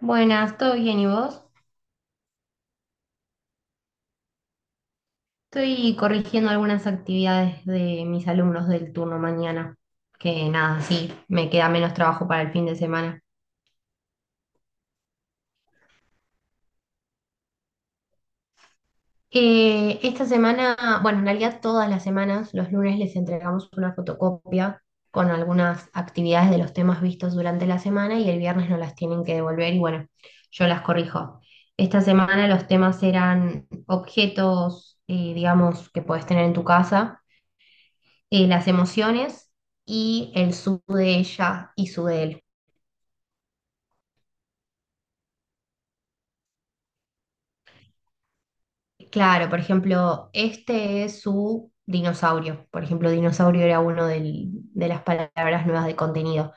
Buenas, ¿todo bien y vos? Estoy corrigiendo algunas actividades de mis alumnos del turno mañana, que nada, sí, me queda menos trabajo para el fin de semana. Esta semana, bueno, en realidad todas las semanas, los lunes les entregamos una fotocopia con algunas actividades de los temas vistos durante la semana y el viernes nos las tienen que devolver y bueno, yo las corrijo. Esta semana los temas eran objetos, digamos, que podés tener en tu casa las emociones y el su de ella y su de él. Claro, por ejemplo, este es su dinosaurio. Por ejemplo, dinosaurio era de las palabras nuevas de contenido.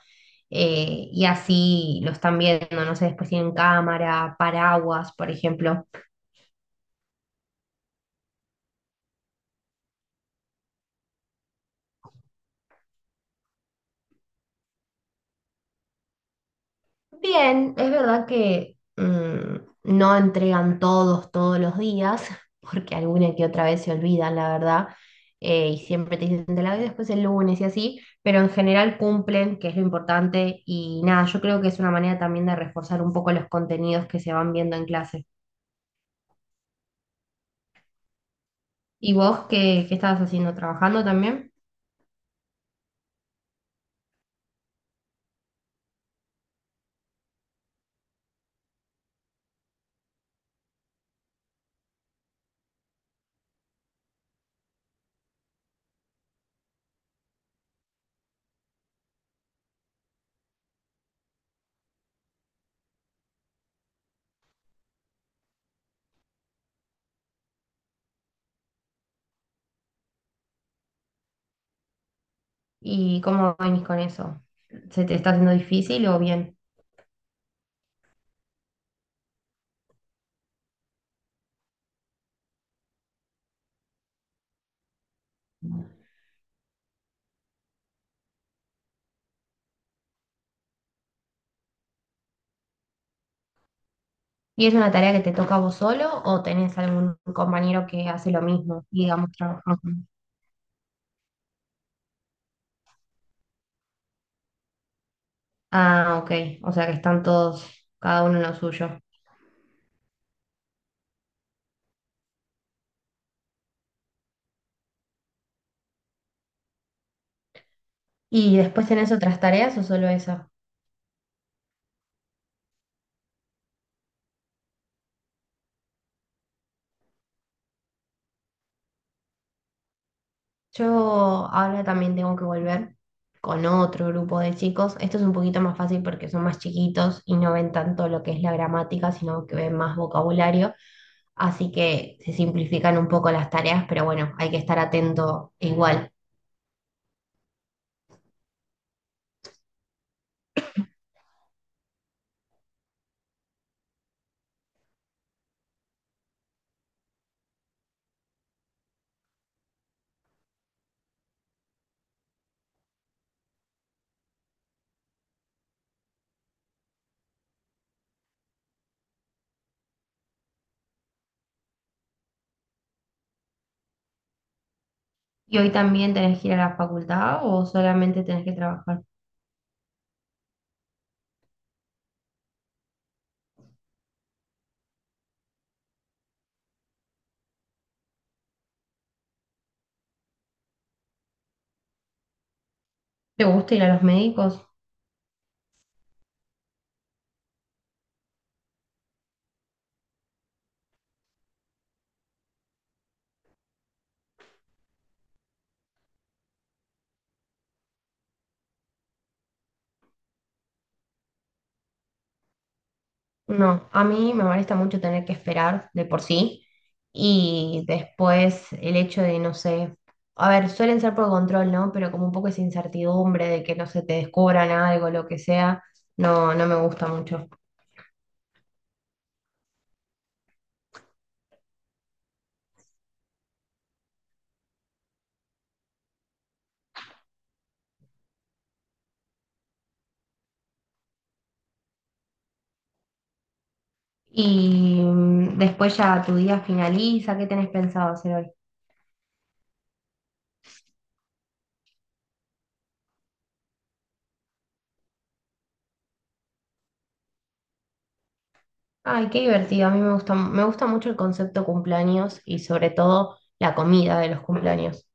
Y así lo están viendo, no sé, después tienen cámara, paraguas, por ejemplo. Bien, es verdad que no entregan todos todos los días, porque alguna que otra vez se olvidan, la verdad, y siempre te dicen te la doy después el lunes y así, pero en general cumplen, que es lo importante, y nada, yo creo que es una manera también de reforzar un poco los contenidos que se van viendo en clase. ¿Y vos qué estabas haciendo? ¿Trabajando también? ¿Y cómo venís con eso? ¿Se te está haciendo difícil o bien? ¿Y es una tarea que te toca a vos solo o tenés algún compañero que hace lo mismo, digamos, trabajan juntos? Ah, ok. O sea que están todos, cada uno en lo suyo. ¿Y después tenés otras tareas o solo esa? Yo ahora también tengo que volver con otro grupo de chicos. Esto es un poquito más fácil porque son más chiquitos y no ven tanto lo que es la gramática, sino que ven más vocabulario. Así que se simplifican un poco las tareas, pero bueno, hay que estar atento igual. ¿Y hoy también tenés que ir a la facultad o solamente tenés que trabajar? ¿Te gusta ir a los médicos? No, a mí me molesta mucho tener que esperar de por sí y después el hecho de, no sé, a ver, suelen ser por control, ¿no? Pero como un poco esa incertidumbre de que no se te descubran algo, lo que sea, no, no me gusta mucho. Y después ya tu día finaliza, ¿qué tenés pensado hacer hoy? Ay, qué divertido. A mí me gusta mucho el concepto cumpleaños y sobre todo la comida de los cumpleaños.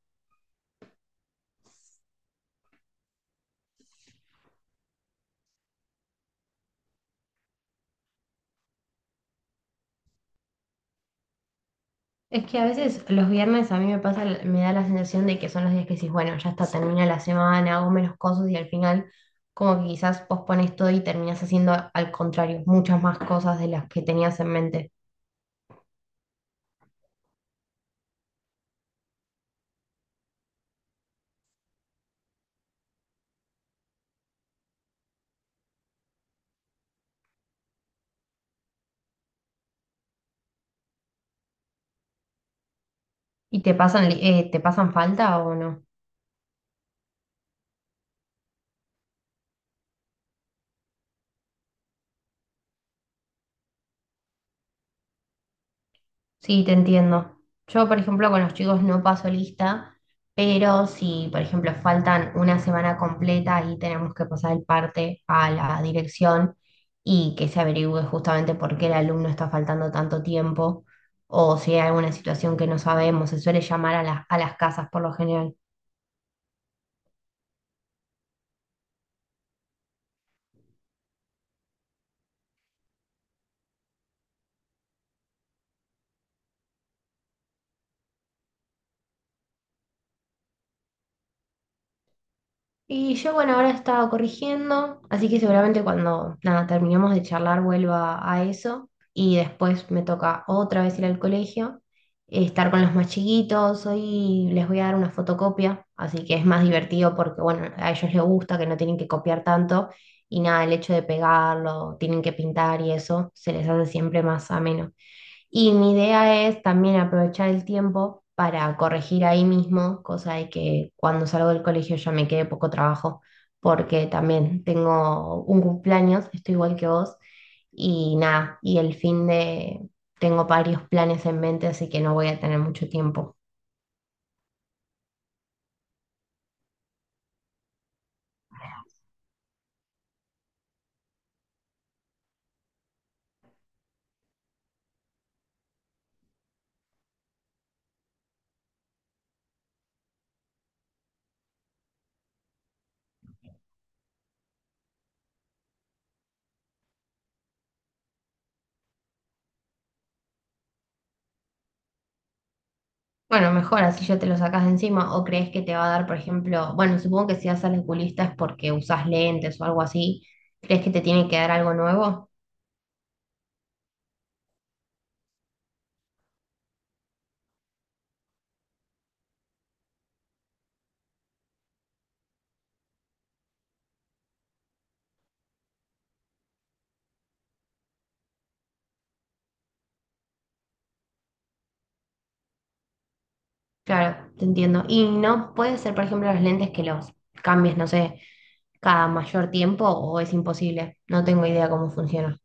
Es que a veces los viernes a mí me pasa, me da la sensación de que son los días que decís, bueno, ya está, termina la semana, hago menos cosas y al final como que quizás pospones todo y terminas haciendo al contrario, muchas más cosas de las que tenías en mente. ¿Y te te pasan falta o no? Sí, te entiendo. Yo, por ejemplo, con los chicos no paso lista, pero si, por ejemplo, faltan una semana completa, ahí tenemos que pasar el parte a la dirección y que se averigüe justamente por qué el alumno está faltando tanto tiempo o si hay alguna situación que no sabemos. Se suele llamar a a las casas por lo general. Y yo, bueno, ahora estaba corrigiendo, así que seguramente cuando nada, terminemos de charlar vuelva a eso y después me toca otra vez ir al colegio, estar con los más chiquitos, hoy les voy a dar una fotocopia, así que es más divertido porque, bueno, a ellos les gusta que no tienen que copiar tanto y nada, el hecho de pegarlo, tienen que pintar y eso, se les hace siempre más ameno. Y mi idea es también aprovechar el tiempo para corregir ahí mismo, cosa de que cuando salgo del colegio ya me quede poco trabajo, porque también tengo un cumpleaños, estoy igual que vos, y nada, y el fin de tengo varios planes en mente, así que no voy a tener mucho tiempo. Bueno, mejor así ya te lo sacas de encima, o crees que te va a dar, por ejemplo, bueno, supongo que si vas al oculista es porque usas lentes o algo así, ¿crees que te tiene que dar algo nuevo? Claro, te entiendo. Y no puede ser, por ejemplo, los lentes que los cambies, no sé, cada mayor tiempo o es imposible. No tengo idea cómo funciona.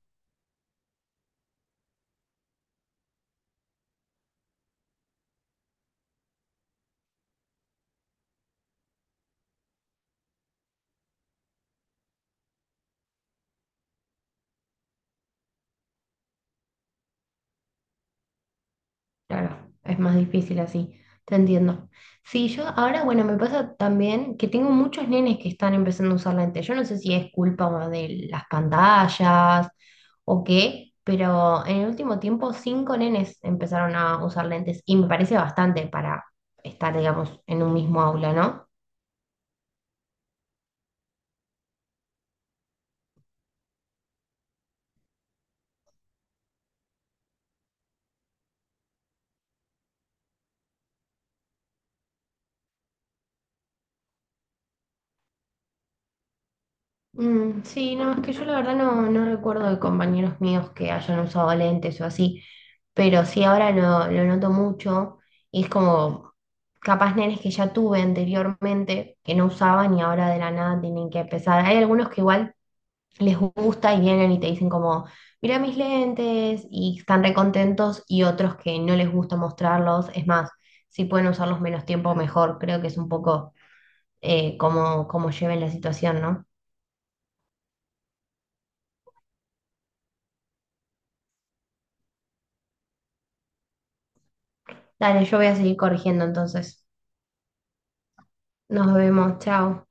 Claro, es más difícil así. Te entiendo. Sí, yo ahora, bueno, me pasa también que tengo muchos nenes que están empezando a usar lentes. Yo no sé si es culpa de las pantallas o qué, pero en el último tiempo 5 nenes empezaron a usar lentes y me parece bastante para estar, digamos, en un mismo aula, ¿no? Mm, sí, no, es que yo la verdad no, no recuerdo de compañeros míos que hayan usado lentes o así, pero sí ahora lo noto mucho y es como capaz nenes que ya tuve anteriormente que no usaban y ahora de la nada tienen que empezar. Hay algunos que igual les gusta y vienen y te dicen como, mira mis lentes y están recontentos y otros que no les gusta mostrarlos, es más, si pueden usarlos menos tiempo mejor, creo que es un poco como lleven la situación, ¿no? Dale, yo voy a seguir corrigiendo entonces. Nos vemos, chao.